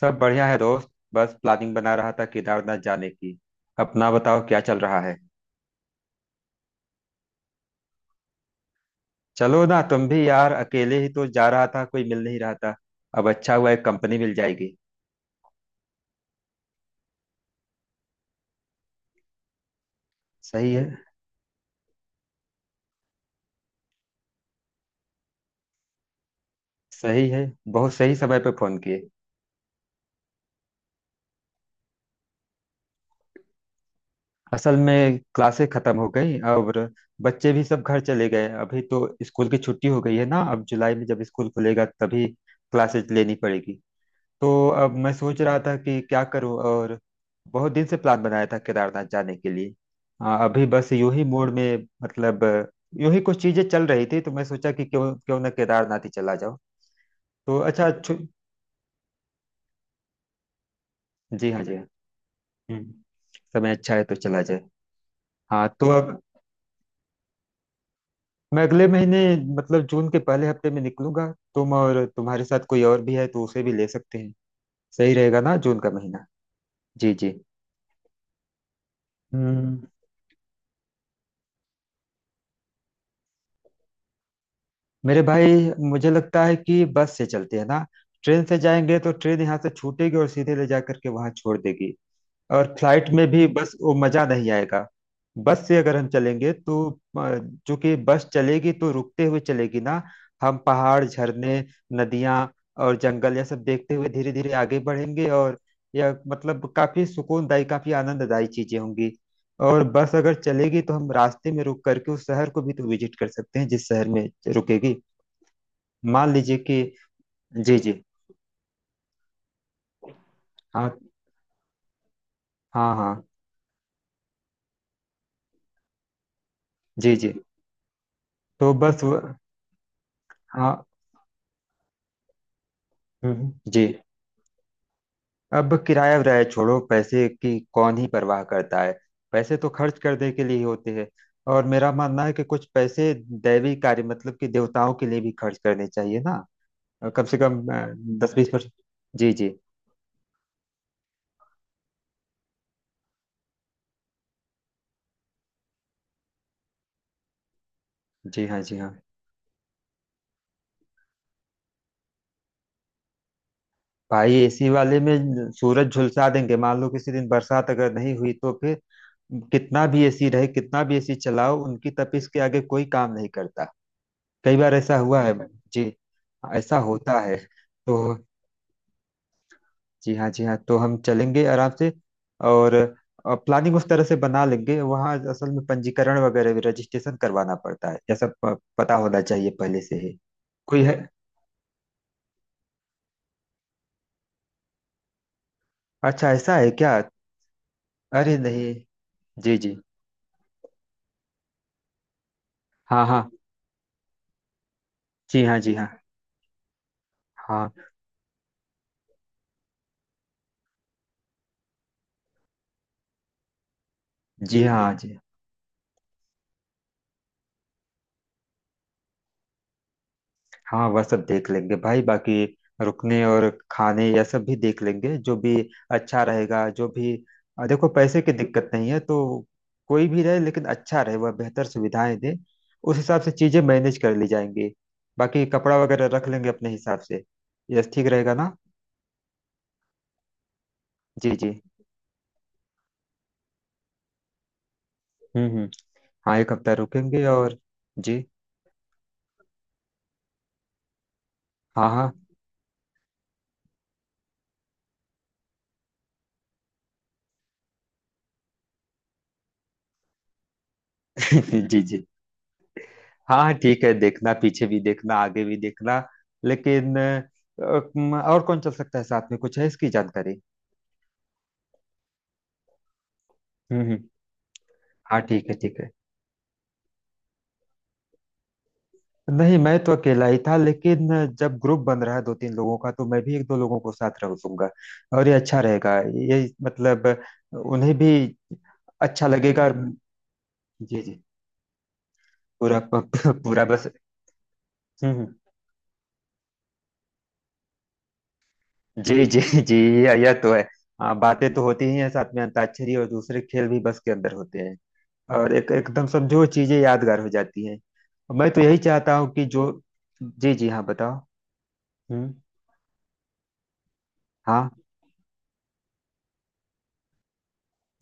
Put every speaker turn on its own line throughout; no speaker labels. सब बढ़िया है दोस्त। बस प्लानिंग बना रहा था केदारनाथ जाने की। अपना बताओ क्या चल रहा है। चलो ना तुम भी यार, अकेले ही तो जा रहा था, कोई मिल नहीं रहा था। अब अच्छा हुआ, एक कंपनी मिल जाएगी। सही है। सही है। बहुत सही समय पे फोन किए। असल में क्लासें खत्म हो गई और बच्चे भी सब घर चले गए। अभी तो स्कूल की छुट्टी हो गई है ना। अब जुलाई में जब स्कूल खुलेगा तभी क्लासेज लेनी पड़ेगी। तो अब मैं सोच रहा था कि क्या करूं और बहुत दिन से प्लान बनाया था केदारनाथ जाने के लिए। हाँ, अभी बस यूं ही मूड में, मतलब यूं ही कुछ चीजें चल रही थी तो मैं सोचा कि क्यों क्यों ना केदारनाथ ही चला जाओ। तो अच्छा जी हाँ, जी हाँ। हम्म, समय अच्छा है तो चला जाए। हाँ तो अब मैं अगले महीने, मतलब जून के पहले हफ्ते में निकलूंगा। तुम और तुम्हारे साथ कोई और भी है तो उसे भी ले सकते हैं। सही रहेगा ना जून का महीना। जी जी। हम्म। मेरे भाई, मुझे लगता है कि बस से चलते हैं ना। ट्रेन से जाएंगे तो ट्रेन यहाँ से छूटेगी और सीधे ले जा करके वहां छोड़ देगी। और फ्लाइट में भी बस वो मजा नहीं आएगा। बस से अगर हम चलेंगे तो अ, चूंकि बस चलेगी तो रुकते हुए चलेगी ना। हम पहाड़, झरने, नदियां और जंगल यह सब देखते हुए धीरे धीरे आगे बढ़ेंगे। और यह मतलब काफी सुकूनदायी, काफी आनंददायी चीजें होंगी। और बस अगर चलेगी तो हम रास्ते में रुक करके उस शहर को भी तो विजिट कर सकते हैं, जिस शहर में रुकेगी। मान लीजिए कि जी जी। हाँ हाँ। हाँ जी जी। तो बस हाँ। जी। अब किराया विराया छोड़ो, पैसे की कौन ही परवाह करता है। पैसे तो खर्च करने के लिए ही होते हैं। और मेरा मानना है कि कुछ पैसे दैवी कार्य, मतलब कि देवताओं के लिए भी खर्च करने चाहिए ना। कम से कम 10-20%। जी जी। जी हाँ, जी हाँ। भाई, एसी वाले में सूरज झुलसा देंगे। मान लो किसी दिन बरसात अगर नहीं हुई तो फिर कितना भी एसी रहे, कितना भी एसी चलाओ, उनकी तपिश के आगे कोई काम नहीं करता। कई बार ऐसा हुआ है। जी। ऐसा होता है। तो जी हाँ, जी हाँ, तो हम चलेंगे आराम से। और प्लानिंग उस तरह से बना लेंगे। वहाँ असल में पंजीकरण वगैरह भी, रजिस्ट्रेशन करवाना पड़ता है, यह सब पता होना चाहिए पहले से ही। कोई है। अच्छा ऐसा है क्या। अरे नहीं। जी जी। हाँ हाँ। जी हाँ, जी हाँ। हाँ। जी हाँ, जी हाँ। वह सब देख लेंगे भाई। बाकी रुकने और खाने यह सब भी देख लेंगे, जो भी अच्छा रहेगा जो भी। देखो पैसे की दिक्कत नहीं है, तो कोई भी रहे लेकिन अच्छा रहे, वह बेहतर सुविधाएं दे। उस हिसाब से चीजें मैनेज कर ली जाएंगी। बाकी कपड़ा वगैरह रख लेंगे अपने हिसाब से। यह ठीक रहेगा ना। जी जी। हम्म। हाँ, एक हफ्ता रुकेंगे और जी हाँ, हाँ। जी जी। हाँ हाँ, ठीक है, देखना पीछे भी, देखना आगे भी देखना। लेकिन और कौन चल सकता है साथ में, कुछ है इसकी जानकारी। हम्म। हाँ ठीक है, ठीक है। नहीं, मैं तो अकेला ही था लेकिन जब ग्रुप बन रहा है दो तीन लोगों का तो मैं भी एक दो लोगों को साथ रख दूंगा। और ये अच्छा रहेगा, ये मतलब उन्हें भी अच्छा लगेगा। और जी जी। पूरा, पूरा बस। हम्म हम्म। जी जी। जी। यह तो है। हाँ, बातें तो होती ही हैं साथ में। अंताक्षरी और दूसरे खेल भी बस के अंदर होते हैं। और एक एकदम सब जो चीजें यादगार हो जाती हैं। मैं तो यही चाहता हूँ कि जो जी जी, हाँ बताओ। हम्म। हाँ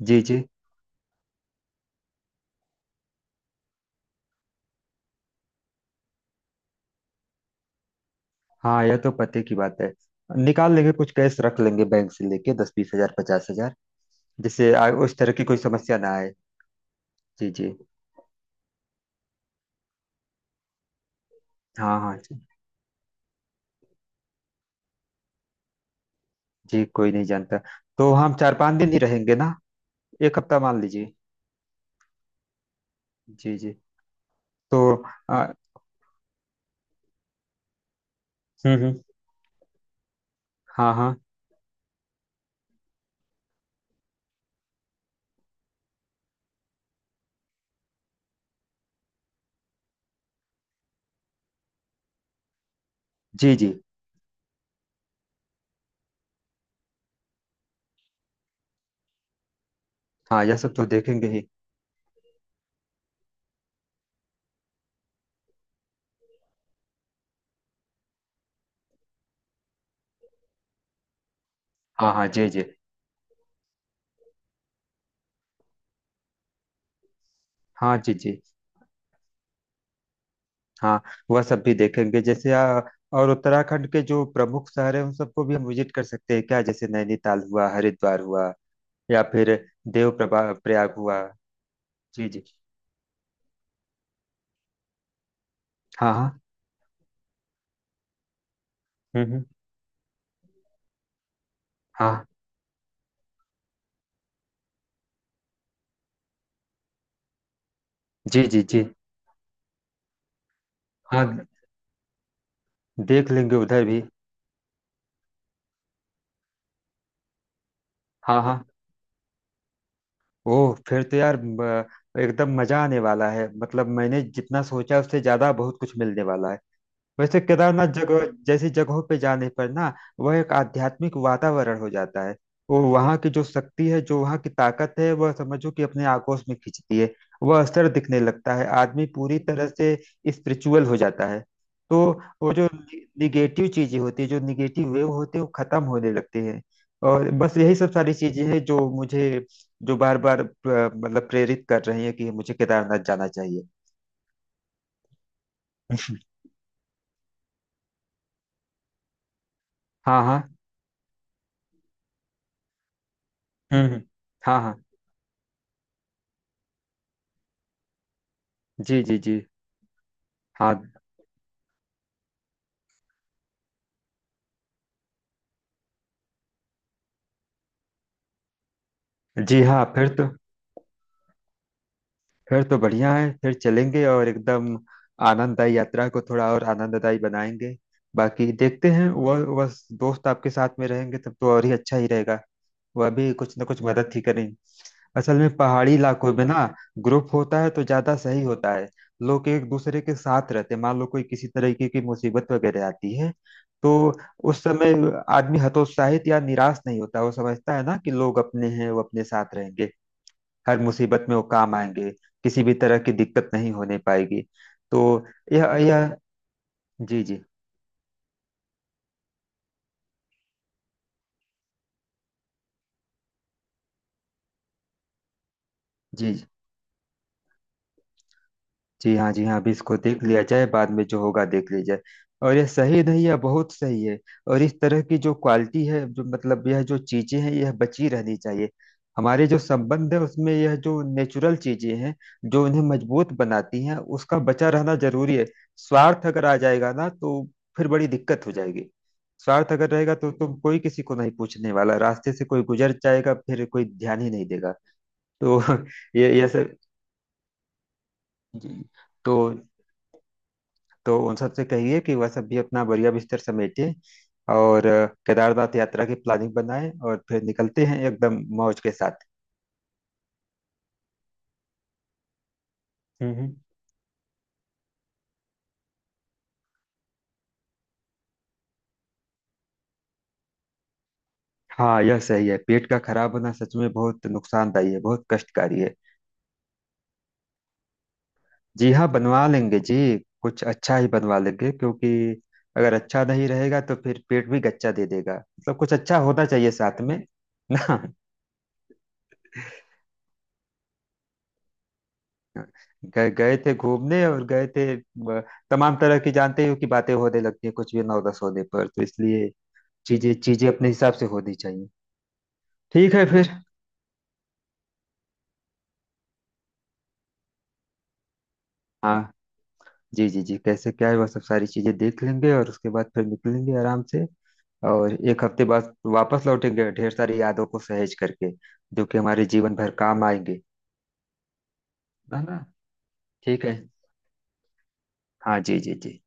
जी जी। हाँ यह तो पते की बात है। निकाल लेंगे कुछ कैश, रख लेंगे बैंक से लेके 10-20 हजार, 50 हजार। जिससे उस तरह की कोई समस्या ना आए। जी जी। हाँ हाँ। जी जी। कोई नहीं जानता। तो हम 4-5 दिन ही रहेंगे ना। एक हफ्ता मान लीजिए। जी जी। तो आ, हम्म। हाँ हाँ। जी जी। हाँ, यह सब तो देखेंगे ही। हाँ हाँ, जी जी। हाँ जी जी। हाँ, वह सब भी देखेंगे जैसे और उत्तराखंड के जो प्रमुख शहर हैं उन सबको भी हम विजिट कर सकते हैं क्या। जैसे नैनीताल हुआ, हरिद्वार हुआ, या फिर देव प्रभा प्रयाग हुआ। जी जी। हाँ हाँ। हम्म हम्म, हाँ जी जी जी। हाँ देख लेंगे उधर भी। हाँ हाँ। ओह फिर तो यार, एकदम मजा आने वाला है, मतलब मैंने जितना सोचा उससे ज्यादा बहुत कुछ मिलने वाला है। वैसे केदारनाथ जगह जैसी जगहों पे जाने पर ना, वह एक आध्यात्मिक वातावरण हो जाता है। वो वहाँ की जो शक्ति है, जो वहाँ की ताकत है, वह समझो कि अपने आगोश में खींचती है। वह असर दिखने लगता है, आदमी पूरी तरह से स्पिरिचुअल हो जाता है। तो वो जो निगेटिव चीजें होती है, जो निगेटिव वेव होते हैं वो खत्म होने लगते हैं। और बस यही सब सारी चीजें हैं जो मुझे, जो बार बार, मतलब प्रेरित कर रही है कि मुझे केदारनाथ जाना चाहिए। हाँ हाँ। हम्म हम्म, हाँ हाँ। जी जी जी। हाँ जी हाँ, फिर तो, फिर तो बढ़िया है, फिर चलेंगे और एकदम आनंददायी यात्रा को थोड़ा और आनंददायी बनाएंगे। बाकी देखते हैं, वह दोस्त आपके साथ में रहेंगे तब तो और ही अच्छा ही रहेगा। वह भी कुछ ना कुछ मदद ही करेंगे। असल में पहाड़ी इलाकों में ना, ग्रुप होता है तो ज्यादा सही होता है। लोग एक दूसरे के साथ रहते हैं। मान लो कोई किसी तरीके की मुसीबत वगैरह आती है तो उस समय आदमी हतोत्साहित या निराश नहीं होता। वो समझता है ना कि लोग अपने हैं, वो अपने साथ रहेंगे, हर मुसीबत में वो काम आएंगे। किसी भी तरह की दिक्कत नहीं होने पाएगी। तो यह। जी जी। जी जी। जी हाँ, जी हाँ, अभी इसको देख लिया जाए, बाद में जो होगा देख लिया जाए। और यह सही नहीं है, बहुत सही है। और इस तरह की जो क्वालिटी है, जो मतलब यह जो चीजें हैं यह बची रहनी चाहिए। हमारे जो संबंध है उसमें यह जो नेचुरल चीजें हैं जो उन्हें मजबूत बनाती हैं, उसका बचा रहना जरूरी है। स्वार्थ अगर आ जाएगा ना तो फिर बड़ी दिक्कत हो जाएगी। स्वार्थ अगर रहेगा तो तुम कोई किसी को नहीं पूछने वाला, रास्ते से कोई गुजर जाएगा फिर कोई ध्यान ही नहीं देगा। तो ये सब। जी। तो तो उन सबसे कहिए कि वह सब भी अपना बढ़िया बिस्तर समेटे और केदारनाथ यात्रा की प्लानिंग बनाएं और फिर निकलते हैं एकदम मौज के साथ। हम्म हम्म। हाँ यह सही है, पेट का खराब होना सच में बहुत नुकसानदायी है, बहुत कष्टकारी है। जी हाँ, बनवा लेंगे जी। कुछ अच्छा ही बनवा लेंगे क्योंकि अगर अच्छा नहीं रहेगा तो फिर पेट भी गच्चा दे देगा, मतलब कुछ अच्छा होना चाहिए साथ में ना। गए गए थे घूमने और गए थे तमाम तरह की, जानते ही हो कि बातें होने लगती है कुछ भी, नौ दस होने पर, तो इसलिए चीजें चीजें अपने हिसाब से होनी चाहिए। ठीक है फिर। हाँ जी जी जी। कैसे क्या है वह सब सारी चीजें देख लेंगे और उसके बाद फिर निकलेंगे आराम से। और एक हफ्ते बाद वापस लौटेंगे ढेर सारी यादों को सहेज करके, जो कि हमारे जीवन भर काम आएंगे। है ना। ठीक है। हाँ जी जी जी।